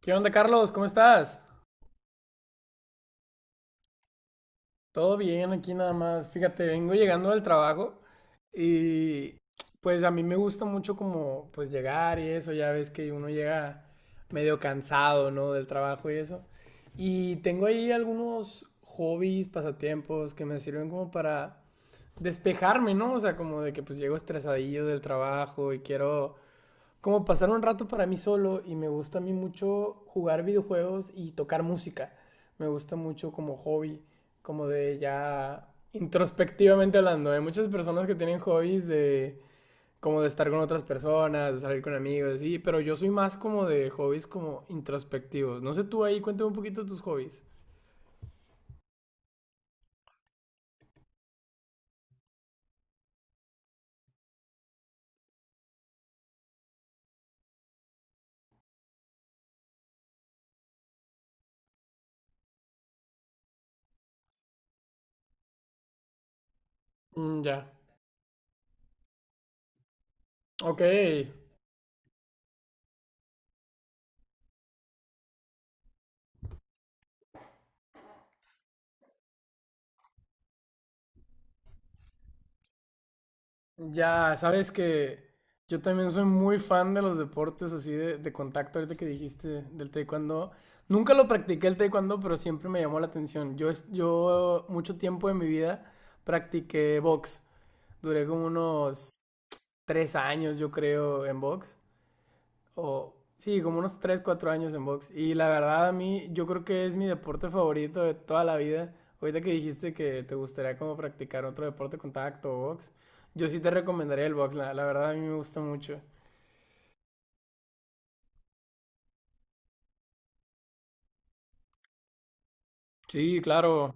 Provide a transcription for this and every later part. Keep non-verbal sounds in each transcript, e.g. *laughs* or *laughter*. ¿Qué onda, Carlos? ¿Cómo estás? Todo bien aquí nada más. Fíjate, vengo llegando del trabajo y pues a mí me gusta mucho como pues llegar y eso, ya ves que uno llega medio cansado, ¿no? Del trabajo y eso. Y tengo ahí algunos hobbies, pasatiempos que me sirven como para despejarme, ¿no? O sea, como de que pues llego estresadillo del trabajo y quiero como pasar un rato para mí solo y me gusta a mí mucho jugar videojuegos y tocar música. Me gusta mucho como hobby, como de ya introspectivamente hablando. Hay muchas personas que tienen hobbies de como de estar con otras personas, de salir con amigos, así, pero yo soy más como de hobbies como introspectivos. No sé tú ahí, cuéntame un poquito de tus hobbies. Mm, ya. Ok, ya, sabes que yo también soy muy fan de los deportes así de contacto, ahorita que dijiste del taekwondo. Nunca lo practiqué el taekwondo, pero siempre me llamó la atención. Yo mucho tiempo de mi vida practiqué box. Duré como unos 3 años, yo creo, en box. O, sí, como unos 3 4 años en box. Y la verdad, a mí, yo creo que es mi deporte favorito de toda la vida. Ahorita que dijiste que te gustaría como practicar otro deporte contacto o box, yo sí te recomendaría el box, la verdad a mí me gusta mucho. Sí, claro.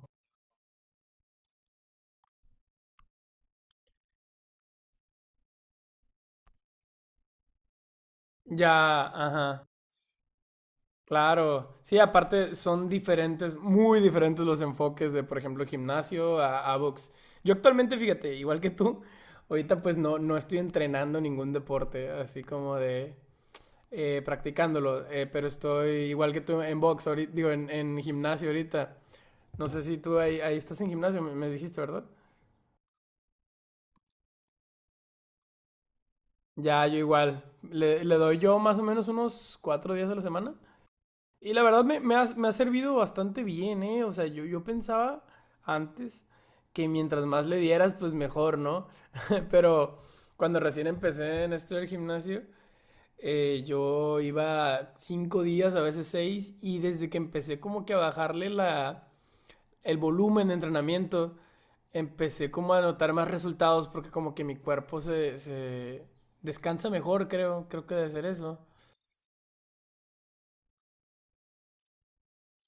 Ya, ajá, claro. Sí, aparte son diferentes, muy diferentes los enfoques de, por ejemplo, gimnasio a box. Yo actualmente, fíjate, igual que tú, ahorita pues no, no estoy entrenando ningún deporte, así como de practicándolo, pero estoy igual que tú en box, ahorita, digo, en gimnasio ahorita. No sé si tú ahí, ahí estás en gimnasio, me dijiste, ¿verdad? Ya, yo igual. Le doy yo más o menos unos 4 días a la semana. Y la verdad me, me ha servido bastante bien, ¿eh? O sea, yo pensaba antes que mientras más le dieras, pues mejor, ¿no? *laughs* Pero cuando recién empecé en esto del gimnasio, yo iba 5 días, a veces seis, y desde que empecé como que a bajarle la, el volumen de entrenamiento, empecé como a notar más resultados porque como que mi cuerpo se, se descansa mejor, creo que debe ser eso.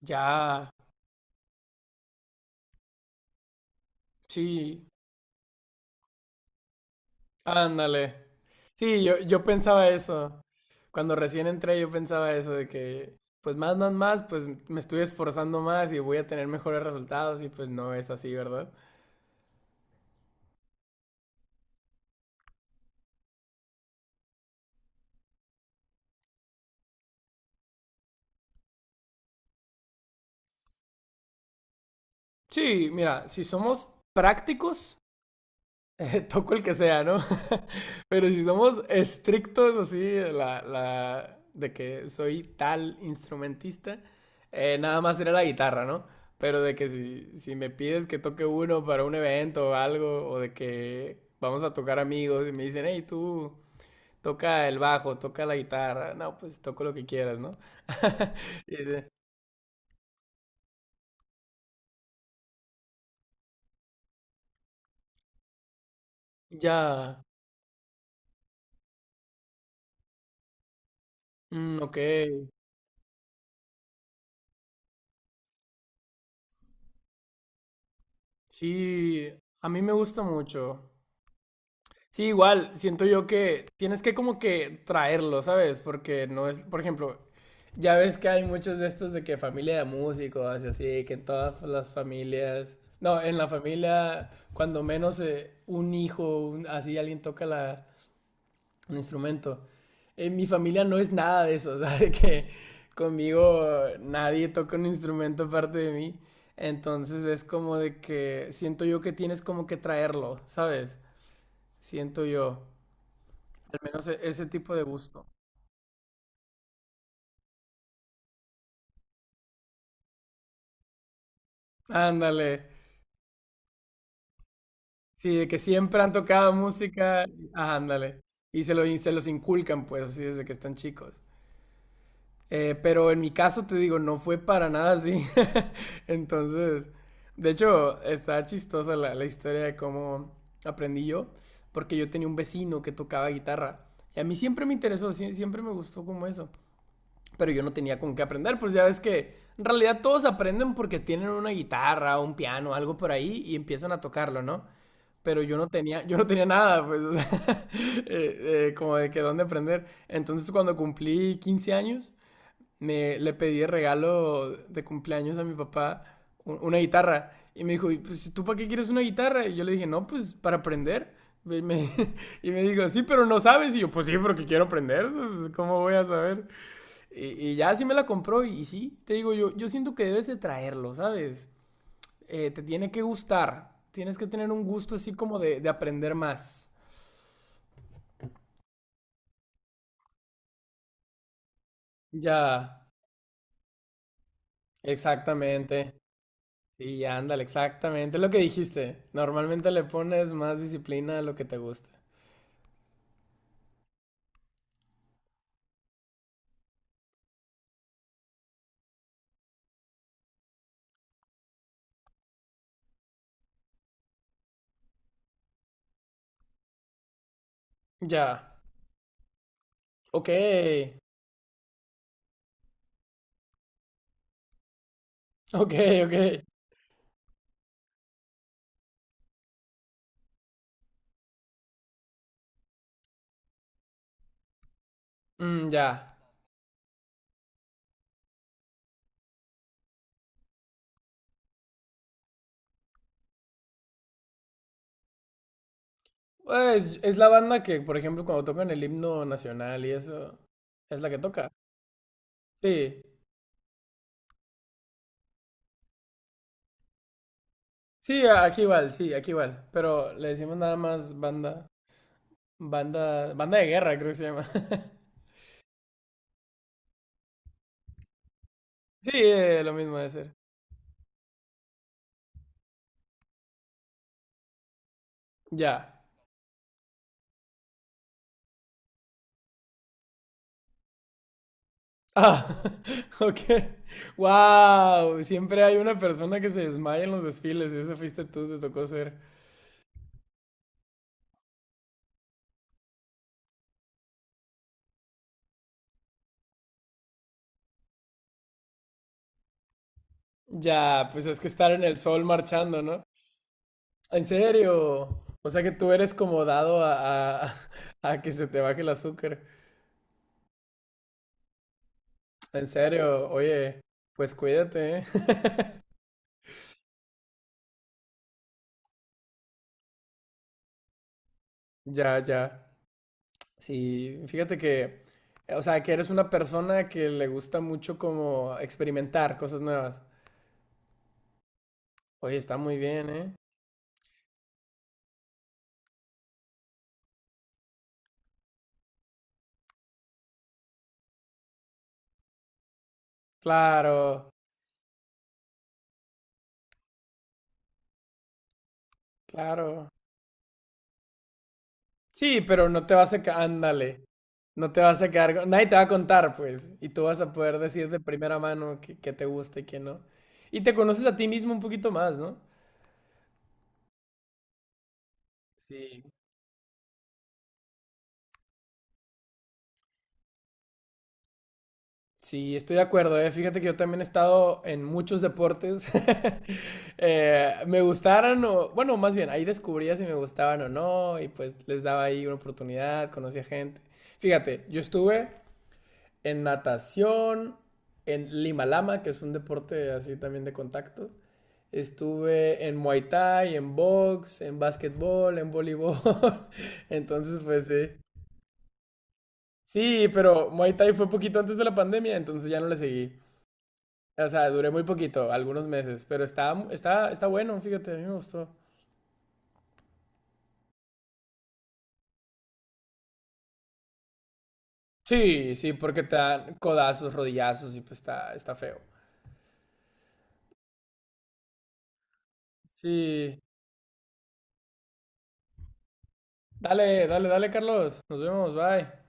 Ya, sí, ándale. Sí, yo pensaba eso. Cuando recién entré yo pensaba eso de que, pues más, más, más, pues me estoy esforzando más y voy a tener mejores resultados y pues no es así, ¿verdad? Sí, mira, si somos prácticos, *laughs* toco el que sea, ¿no? *laughs* Pero si somos estrictos así, de que soy tal instrumentista, nada más sería la guitarra, ¿no? Pero de que si me pides que toque uno para un evento o algo, o de que vamos a tocar amigos y me dicen, hey, tú toca el bajo, toca la guitarra, no, pues toco lo que quieras, ¿no? *laughs* Y dice, ya, mm, ok, sí, a mí me gusta mucho. Sí, igual, siento yo que tienes que como que traerlo, ¿sabes? Porque no es, por ejemplo, ya ves que hay muchos de estos de que familia de músicos y así, que en todas las familias, no, en la familia, cuando menos un hijo, así alguien toca un instrumento. En mi familia no es nada de eso, *laughs* ¿sabes? De que conmigo nadie toca un instrumento aparte de mí. Entonces es como de que siento yo que tienes como que traerlo, ¿sabes? Siento yo. Al menos ese tipo de gusto. Ándale. Sí, de que siempre han tocado música. Ah, ándale. Y se lo, y se los inculcan, pues, así desde que están chicos. Pero en mi caso, te digo, no fue para nada así. *laughs* Entonces, de hecho, está chistosa la historia de cómo aprendí yo. Porque yo tenía un vecino que tocaba guitarra. Y a mí siempre me interesó, siempre me gustó como eso. Pero yo no tenía con qué aprender, pues ya ves que en realidad todos aprenden porque tienen una guitarra, un piano, algo por ahí y empiezan a tocarlo, ¿no? Pero yo no tenía nada, pues, o sea, *laughs* como de que dónde aprender. Entonces cuando cumplí 15 años, me, le pedí de regalo de cumpleaños a mi papá una guitarra. Y me dijo, "Y, pues, ¿tú para qué quieres una guitarra?" Y yo le dije, no, pues para aprender. Y me, *laughs* y me dijo, sí, pero no sabes. Y yo, pues sí, porque quiero aprender. O sea, pues, ¿cómo voy a saber? Y ya sí me la compró y, sí, te digo yo, yo siento que debes de traerlo, ¿sabes? Te tiene que gustar, tienes que tener un gusto así como de aprender más. Ya, exactamente. Sí, ándale, exactamente, es lo que dijiste. Normalmente le pones más disciplina a lo que te gusta. Ya, ok, ok, ok. Mm, ya. Pues es la banda que, por ejemplo, cuando tocan el himno nacional y eso, es la que toca. Sí. Sí, aquí igual, sí, aquí igual. Pero le decimos nada más banda, banda, banda de guerra, creo que se llama. *laughs* Sí, lo mismo de ser. Ya. Ah, *laughs* ok. Wow, siempre hay una persona que se desmaya en los desfiles y eso fuiste tú, te tocó ser. Ya, pues es que estar en el sol marchando, ¿no? En serio. O sea que tú eres como dado a, *laughs* a que se te baje el azúcar. En serio, oye, pues cuídate, ¿eh? *laughs* Ya, ya. Sí, fíjate que, o sea, que eres una persona que le gusta mucho como experimentar cosas nuevas. Oye, está muy bien, ¿eh? Claro, claro. Sí, pero no te vas a... ca- ándale, no te vas a quedar, nadie te va a contar, pues, y tú vas a poder decir de primera mano qué qué te gusta y qué no. Y te conoces a ti mismo un poquito más, ¿no? Sí. Sí, estoy de acuerdo, ¿eh? Fíjate que yo también he estado en muchos deportes. *laughs* Me gustaron o, bueno, más bien, ahí descubría si me gustaban o no y pues les daba ahí una oportunidad, conocía gente. Fíjate, yo estuve en natación, en Lima Lama, que es un deporte así también de contacto. Estuve en Muay Thai, en box, en básquetbol, en voleibol. *laughs* Entonces, pues sí. Sí, pero Muay Thai fue poquito antes de la pandemia, entonces ya no le seguí. O sea, duré muy poquito, algunos meses, pero está, está, está bueno, fíjate, a mí me gustó. Sí, sí, porque te dan codazos, rodillazos y pues está, está feo. Sí. Dale, dale, dale, Carlos. Nos vemos, bye.